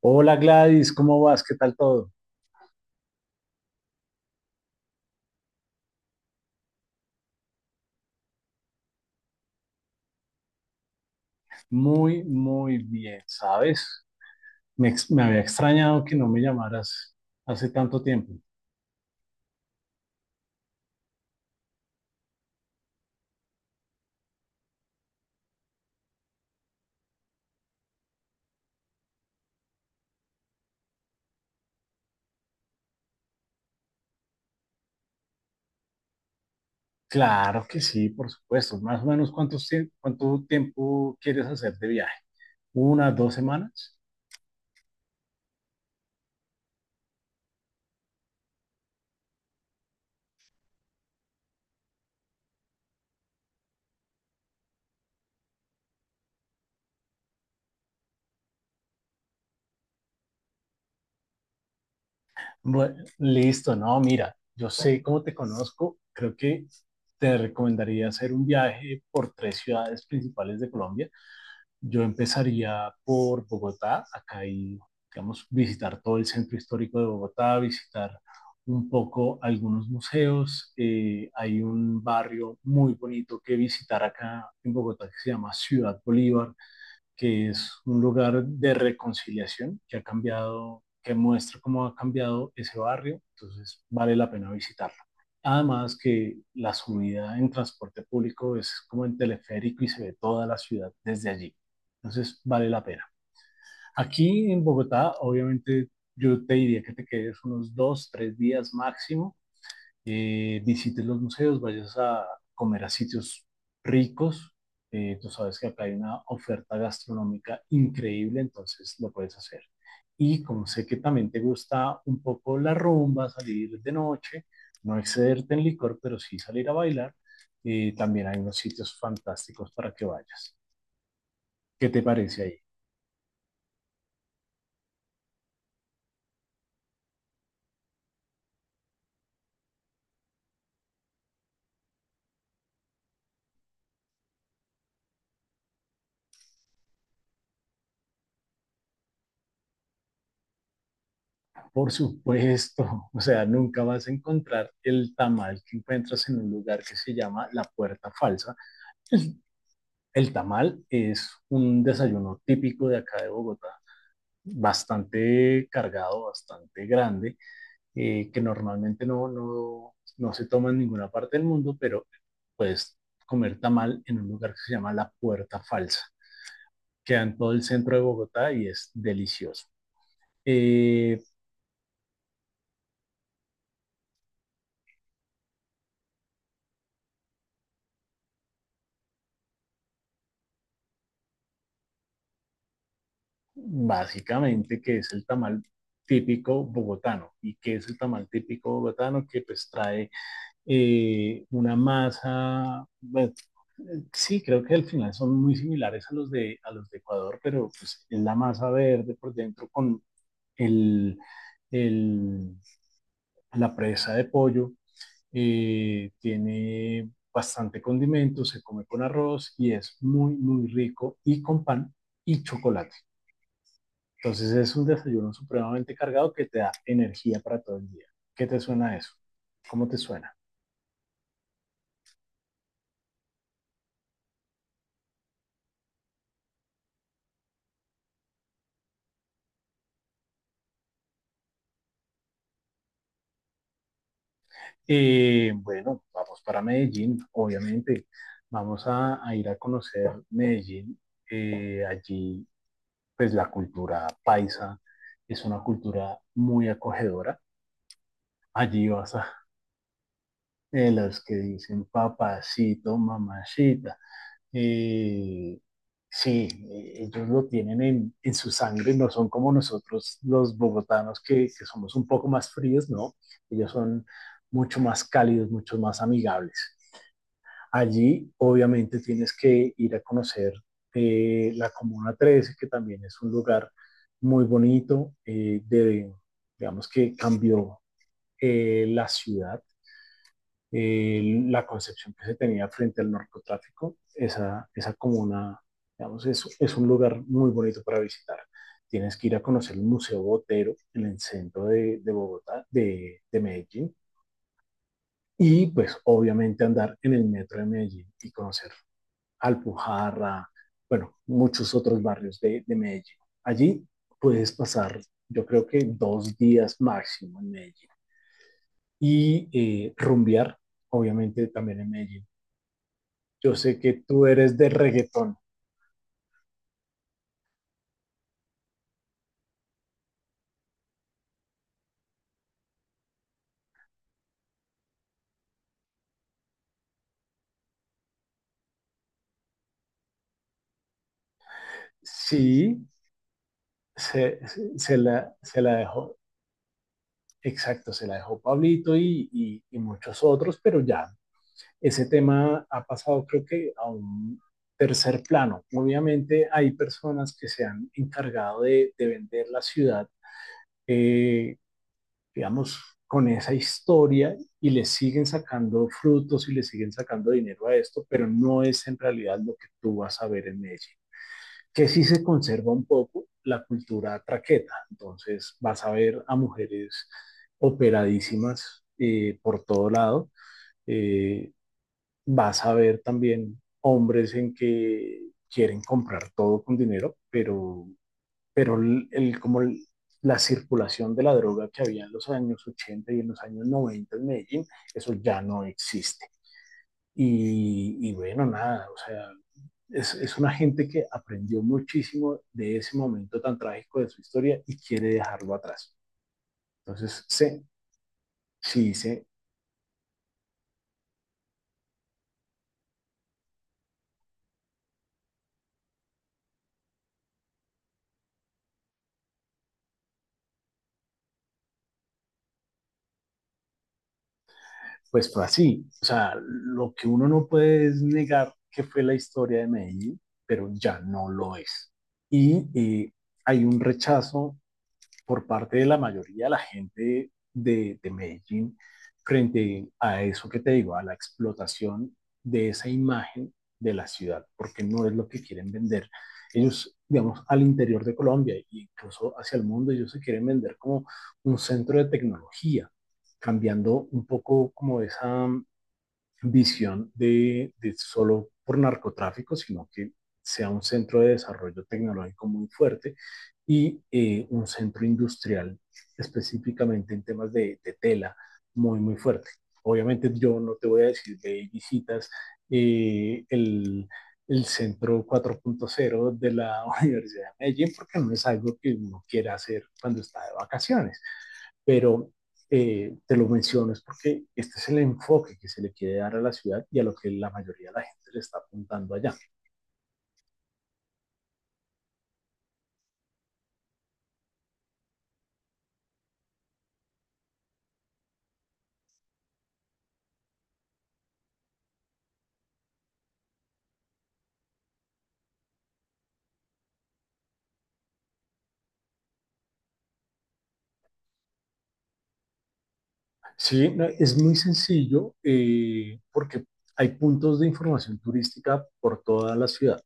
Hola, Gladys, ¿cómo vas? ¿Qué tal todo? Muy, muy bien, ¿sabes? Me había extrañado que no me llamaras hace tanto tiempo. Claro que sí, por supuesto. Más o menos, ¿ cuánto tiempo quieres hacer de viaje? ¿Una, dos semanas? Bueno, listo, no, mira, yo sé cómo te conozco. Creo que te recomendaría hacer un viaje por tres ciudades principales de Colombia. Yo empezaría por Bogotá. Acá hay, digamos, visitar todo el centro histórico de Bogotá, visitar un poco algunos museos. Hay un barrio muy bonito que visitar acá en Bogotá que se llama Ciudad Bolívar, que es un lugar de reconciliación que ha cambiado, que muestra cómo ha cambiado ese barrio, entonces vale la pena visitarlo. Además que la subida en transporte público es como en teleférico y se ve toda la ciudad desde allí, entonces vale la pena. Aquí en Bogotá, obviamente, yo te diría que te quedes unos dos, tres días máximo, visites los museos, vayas a comer a sitios ricos. Tú sabes que acá hay una oferta gastronómica increíble, entonces lo puedes hacer. Y como sé que también te gusta un poco la rumba, salir de noche, no excederte en licor, pero sí salir a bailar, también hay unos sitios fantásticos para que vayas. ¿Qué te parece ahí? Por supuesto, o sea, nunca vas a encontrar el tamal que encuentras en un lugar que se llama La Puerta Falsa. Es El tamal es un desayuno típico de acá de Bogotá, bastante cargado, bastante grande, que normalmente no se toma en ninguna parte del mundo, pero puedes comer tamal en un lugar que se llama La Puerta Falsa. Queda en todo el centro de Bogotá y es delicioso. Eh, Básicamente, ¿que es el tamal típico bogotano? ¿Y qué es el tamal típico bogotano? Que pues trae una masa, bueno, sí, creo que al final son muy similares a los de Ecuador, pero pues es la masa verde por dentro con el, el- la presa de pollo. Tiene bastante condimento, se come con arroz y es muy, muy rico, y con pan y chocolate. Entonces es un desayuno supremamente cargado que te da energía para todo el día. ¿Qué te suena eso? ¿Cómo te suena? Bueno, vamos para Medellín, obviamente. A ir a conocer Medellín. Allí, pues la cultura paisa es una cultura muy acogedora. Allí vas a los que dicen papacito, mamacita. Eh, sí, ellos lo tienen en su sangre, no son como nosotros los bogotanos que somos un poco más fríos, no. Ellos son mucho más cálidos, mucho más amigables. Allí obviamente tienes que ir a conocer la Comuna 13, que también es un lugar muy bonito, digamos que cambió la ciudad, la concepción que se tenía frente al narcotráfico. Esa comuna, digamos, es un lugar muy bonito para visitar. Tienes que ir a conocer el Museo Botero en el centro de Medellín, y pues obviamente andar en el metro de Medellín y conocer Alpujarra, bueno, muchos otros barrios de Medellín. Allí puedes pasar, yo creo que dos días máximo en Medellín. Y rumbear, obviamente, también en Medellín. Yo sé que tú eres de reggaetón. Sí, se la dejó, exacto, se la dejó Pablito y muchos otros, pero ya ese tema ha pasado creo que a un tercer plano. Obviamente hay personas que se han encargado de vender la ciudad, eh, digamos, con esa historia, y le siguen sacando frutos y le siguen sacando dinero a esto, pero no es en realidad lo que tú vas a ver en Medellín. Que sí se conserva un poco la cultura traqueta, entonces vas a ver a mujeres operadísimas por todo lado, eh, vas a ver también hombres en que quieren comprar todo con dinero, pero, pero la circulación de la droga que había en los años 80 y en los años 90 en Medellín, eso ya no existe. Y bueno, nada, o sea, es una gente que aprendió muchísimo de ese momento tan trágico de su historia y quiere dejarlo atrás. Entonces, se, sí, se, pues fue así. O sea, lo que uno no puede es negar que fue la historia de Medellín, pero ya no lo es. Y hay un rechazo por parte de la mayoría de la gente de Medellín frente a eso que te digo, a la explotación de esa imagen de la ciudad, porque no es lo que quieren vender. Ellos, digamos, al interior de Colombia e incluso hacia el mundo, ellos se quieren vender como un centro de tecnología, cambiando un poco como esa visión de solo por narcotráfico, sino que sea un centro de desarrollo tecnológico muy fuerte, y un centro industrial específicamente en temas de tela, muy, muy fuerte. Obviamente yo no te voy a decir de visitas eh, el, centro 4.0 de la Universidad de Medellín, porque no es algo que uno quiera hacer cuando está de vacaciones, pero te lo menciono es porque este es el enfoque que se le quiere dar a la ciudad y a lo que la mayoría de la gente le está apuntando allá. Sí, no, es muy sencillo, porque hay puntos de información turística por toda la ciudad.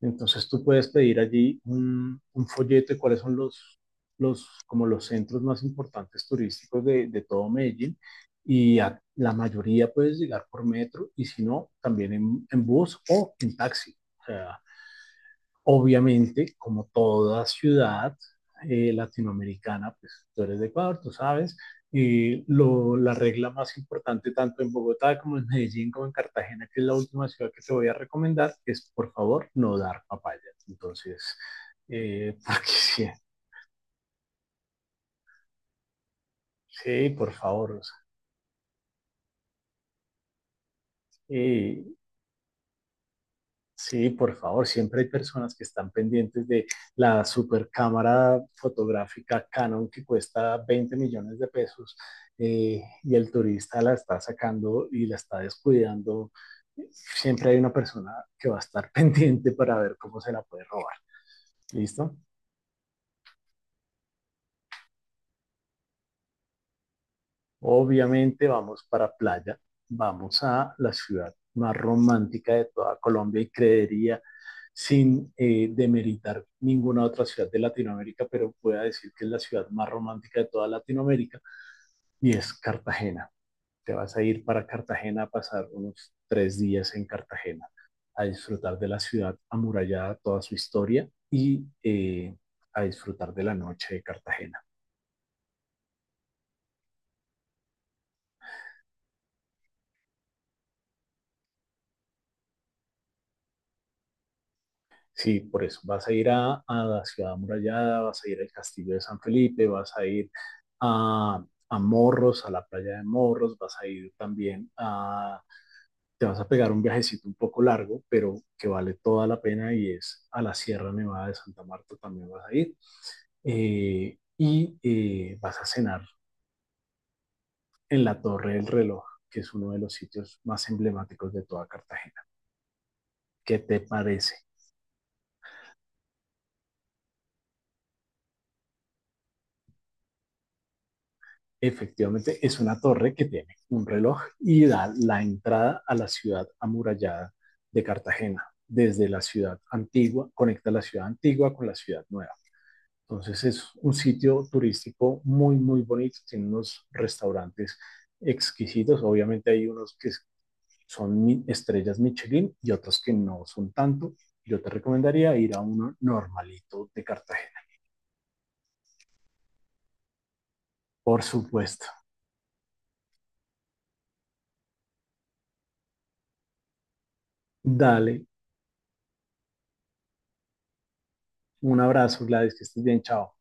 Entonces tú puedes pedir allí un folleto de cuáles son como los centros más importantes turísticos de todo Medellín, y a la mayoría puedes llegar por metro, y si no, también en bus o en taxi. O sea, obviamente, como toda ciudad latinoamericana, pues tú eres de Ecuador, tú sabes, la regla más importante tanto en Bogotá como en Medellín como en Cartagena, que es la última ciudad que te voy a recomendar, es por favor no dar papaya. Entonces, porque sí, sí, por favor. O sea, eh, sí, por favor, siempre hay personas que están pendientes de la super cámara fotográfica Canon que cuesta 20 millones de pesos, y el turista la está sacando y la está descuidando. Siempre hay una persona que va a estar pendiente para ver cómo se la puede robar. ¿Listo? Obviamente vamos para playa, vamos a la ciudad más romántica de toda Colombia y creería, sin demeritar ninguna otra ciudad de Latinoamérica, pero pueda decir que es la ciudad más romántica de toda Latinoamérica, y es Cartagena. Te vas a ir para Cartagena a pasar unos tres días en Cartagena, a disfrutar de la ciudad amurallada, toda su historia, y a disfrutar de la noche de Cartagena. Sí, por eso. Vas a ir a la ciudad amurallada, vas a ir al castillo de San Felipe, vas a ir a, a Morros, a la playa de Morros, vas a ir también a... Te vas a pegar un viajecito un poco largo, pero que vale toda la pena, y es a la Sierra Nevada de Santa Marta también vas a ir. Vas a cenar en la Torre del Reloj, que es uno de los sitios más emblemáticos de toda Cartagena. ¿Qué te parece? Efectivamente, es una torre que tiene un reloj y da la entrada a la ciudad amurallada de Cartagena. Desde la ciudad antigua, conecta la ciudad antigua con la ciudad nueva. Entonces es un sitio turístico muy, muy bonito. Tiene unos restaurantes exquisitos. Obviamente hay unos que son estrellas Michelin y otros que no son tanto. Yo te recomendaría ir a uno normalito de Cartagena. Por supuesto. Dale un abrazo, Gladys, que estés bien. Chao.